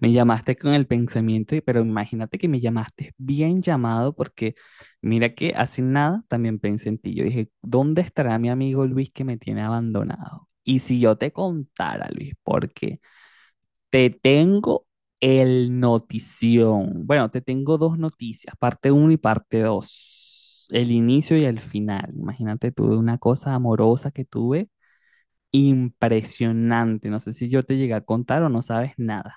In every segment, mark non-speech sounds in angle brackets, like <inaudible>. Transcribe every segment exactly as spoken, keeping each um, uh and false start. Me llamaste con el pensamiento, y- pero imagínate que me llamaste bien llamado porque mira que hace nada también pensé en ti. Yo dije, ¿dónde estará mi amigo Luis que me tiene abandonado? Y si yo te contara, Luis, porque te tengo el notición. Bueno, te tengo dos noticias, parte uno y parte dos, el inicio y el final. Imagínate, tuve una cosa amorosa que tuve impresionante. No sé si yo te llegué a contar o no sabes nada.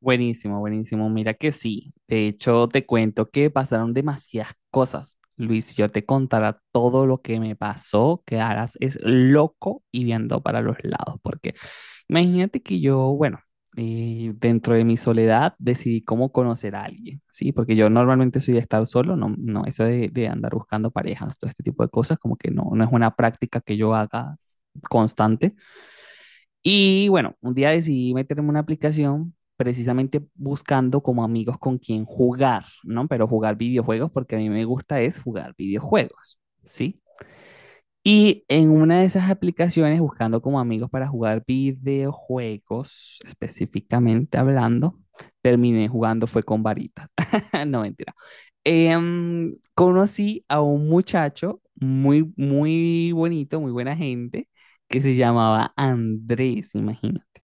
Buenísimo, buenísimo. Mira que sí. De hecho, te cuento que pasaron demasiadas cosas. Luis, si yo te contara todo lo que me pasó, quedarás es loco y viendo para los lados. Porque imagínate que yo, bueno, eh, dentro de mi soledad decidí cómo conocer a alguien, ¿sí? Porque yo normalmente soy de estar solo, no, no, eso de, de andar buscando parejas, todo este tipo de cosas, como que no, no es una práctica que yo haga constante. Y bueno, un día decidí meterme en una aplicación precisamente buscando como amigos con quien jugar, ¿no? Pero jugar videojuegos porque a mí me gusta es jugar videojuegos, ¿sí? Y en una de esas aplicaciones, buscando como amigos para jugar videojuegos, específicamente hablando, terminé jugando fue con varitas. <laughs> No, mentira. Em, conocí a un muchacho muy, muy bonito, muy buena gente, que se llamaba Andrés, imagínate.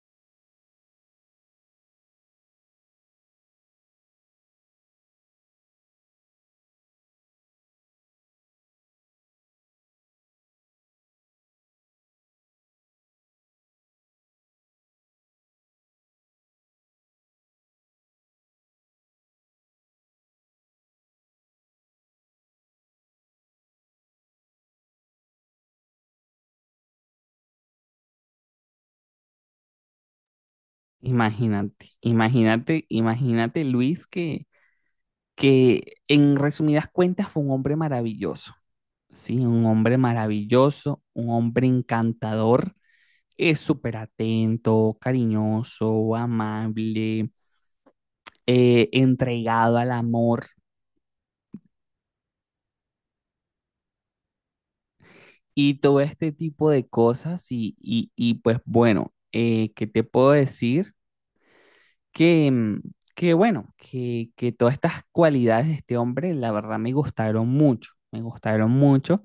Imagínate, imagínate, imagínate Luis que, que en resumidas cuentas fue un hombre maravilloso, ¿sí? Un hombre maravilloso, un hombre encantador, es súper atento, cariñoso, amable, eh, entregado al amor y todo este tipo de cosas y, y, y pues bueno, eh, ¿qué te puedo decir? Que, mm, que bueno, que, que todas estas cualidades de este hombre, la verdad, me gustaron mucho, me gustaron mucho.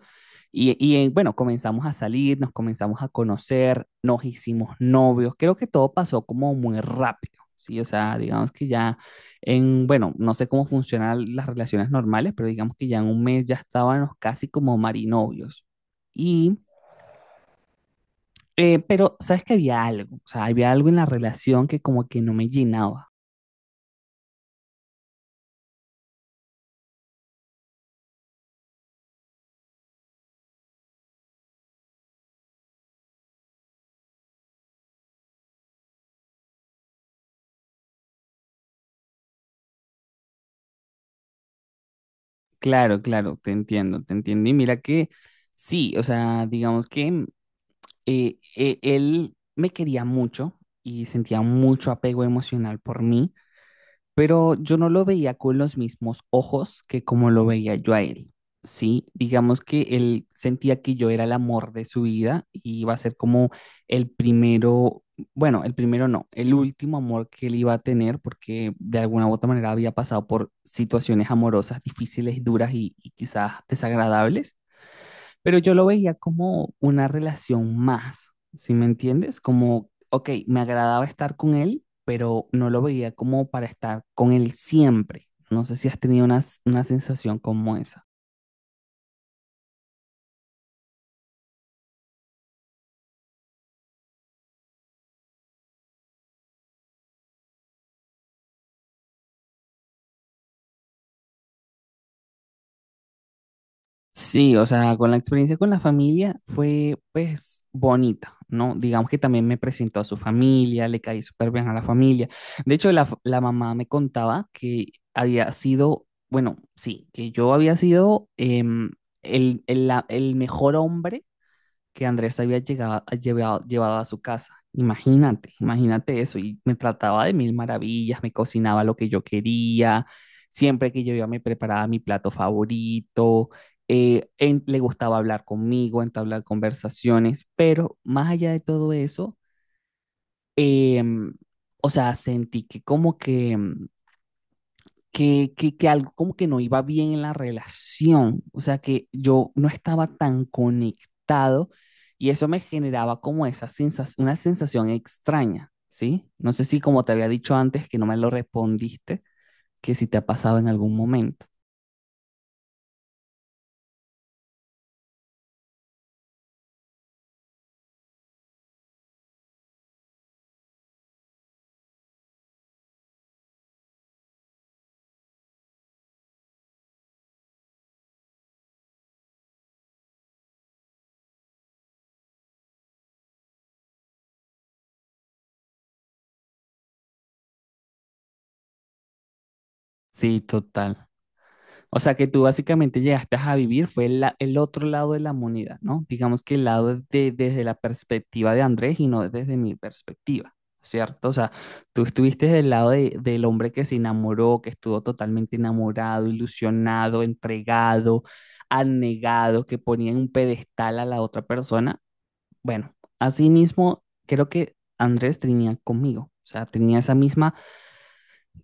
Y, y eh, bueno, comenzamos a salir, nos comenzamos a conocer, nos hicimos novios. Creo que todo pasó como muy rápido, ¿sí? O sea, digamos que ya en, bueno, no sé cómo funcionan las relaciones normales, pero digamos que ya en un mes ya estábamos casi como marinovios. Y, eh, pero, ¿sabes que había algo? O sea, había algo en la relación que como que no me llenaba. Claro, claro, te entiendo, te entiendo. Y mira que sí, o sea, digamos que eh, eh, él me quería mucho y sentía mucho apego emocional por mí, pero yo no lo veía con los mismos ojos que como lo veía yo a él, ¿sí? Digamos que él sentía que yo era el amor de su vida y iba a ser como el primero, bueno, el primero no, el último amor que él iba a tener porque de alguna u otra manera había pasado por situaciones amorosas difíciles, duras y, y quizás desagradables. Pero yo lo veía como una relación más, ¿sí me entiendes? Como, ok, me agradaba estar con él, pero no lo veía como para estar con él siempre. No sé si has tenido una, una sensación como esa. Sí, o sea, con la experiencia con la familia fue pues bonita, ¿no? Digamos que también me presentó a su familia, le caí súper bien a la familia. De hecho, la, fa- la mamá me contaba que había sido, bueno, sí, que yo había sido em, el, el la- el mejor hombre que Andrés había llegado, llevado, llevado a su casa. Imagínate, imagínate eso. Y me trataba de mil maravillas, me cocinaba lo que yo quería, siempre que yo iba me preparaba mi plato favorito, eh, en- le gustaba hablar conmigo, entablar conversaciones, pero más allá de todo eso, em, o sea, sentí que como que, em, que, que, que algo como que no iba bien en la relación, o sea, que yo no estaba tan conectado y eso me generaba como esa sensación, una sensación extraña, ¿sí? No sé si como te había dicho antes que no me lo respondiste, que si te ha pasado en algún momento. Sí, total. O sea que tú básicamente llegaste a vivir, fue el, la- el otro lado de la moneda, ¿no? Digamos que el lado de- desde la perspectiva de Andrés y no desde mi perspectiva, ¿cierto? O sea, tú estuviste del lado de- del hombre que se enamoró, que estuvo totalmente enamorado, ilusionado, entregado, anegado, que ponía en un pedestal a la otra persona. Bueno, asimismo, creo que Andrés tenía conmigo, o sea, tenía esa misma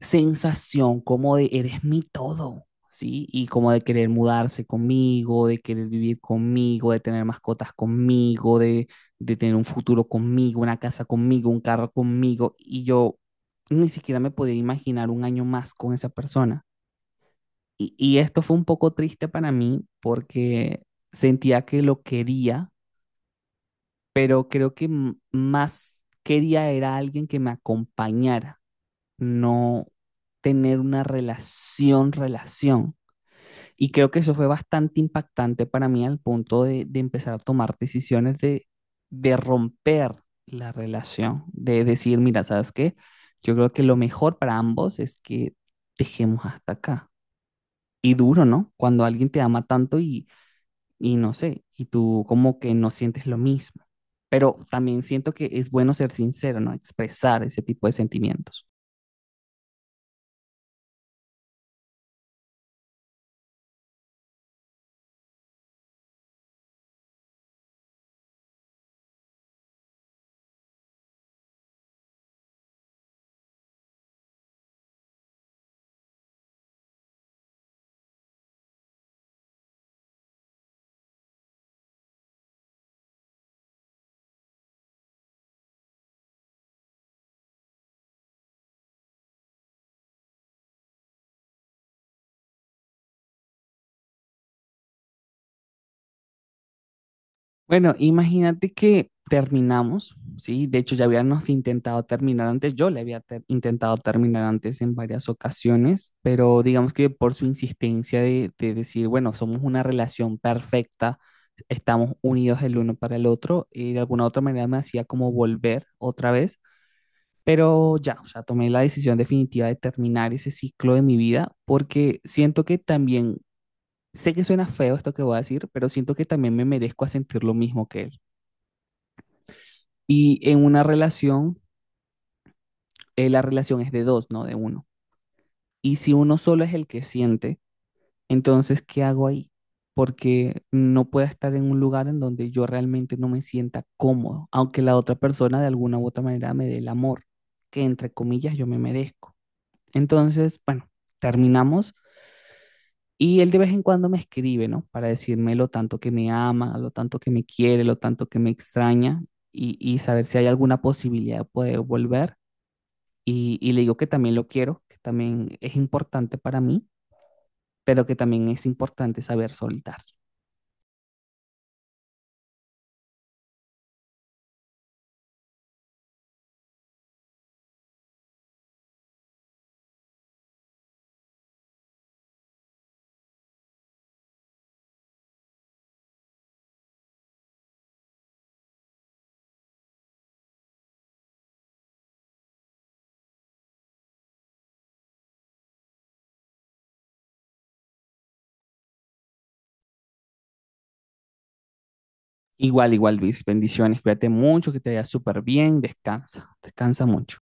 sensación como de eres mi todo, ¿sí? Y como de querer mudarse conmigo, de querer vivir conmigo, de tener mascotas conmigo, de, de tener un futuro conmigo, una casa conmigo, un carro conmigo. Y yo ni siquiera me podía imaginar un año más con esa persona. Y, y esto fue un poco triste para mí porque sentía que lo quería, pero creo que más quería era alguien que me acompañara no tener una relación, relación. Y creo que eso fue bastante impactante para mí al punto de, de empezar a tomar decisiones de, de romper la relación, de decir, mira, ¿sabes qué? Yo creo que lo mejor para ambos es que dejemos hasta acá. Y duro, ¿no? Cuando alguien te ama tanto y, y no sé, y tú como que no sientes lo mismo. Pero también siento que es bueno ser sincero, ¿no? Expresar ese tipo de sentimientos. Bueno, imagínate que terminamos, ¿sí? De hecho, ya habíamos intentado terminar antes, yo le había ter- intentado terminar antes en varias ocasiones, pero digamos que por su insistencia de, de decir, bueno, somos una relación perfecta, estamos unidos el uno para el otro, y de alguna u otra manera me hacía como volver otra vez, pero ya, o sea, tomé la decisión definitiva de terminar ese ciclo de mi vida porque siento que también, sé que suena feo esto que voy a decir, pero siento que también me merezco a sentir lo mismo que él. Y en una relación, eh, la relación es de dos, no de uno. Y si uno solo es el que siente, entonces, ¿qué hago ahí? Porque no puedo estar en un lugar en donde yo realmente no me sienta cómodo, aunque la otra persona de alguna u otra manera me dé el amor, que entre comillas yo me merezco. Entonces, bueno, terminamos y él de vez en cuando me escribe, ¿no? Para decirme lo tanto que me ama, lo tanto que me quiere, lo tanto que me extraña y, y saber si hay alguna posibilidad de poder volver. y, y le digo que también lo quiero, que también es importante para mí, pero que también es importante saber soltar. Igual, igual, Luis, bendiciones, cuídate mucho, que te vaya súper bien, descansa, descansa mucho.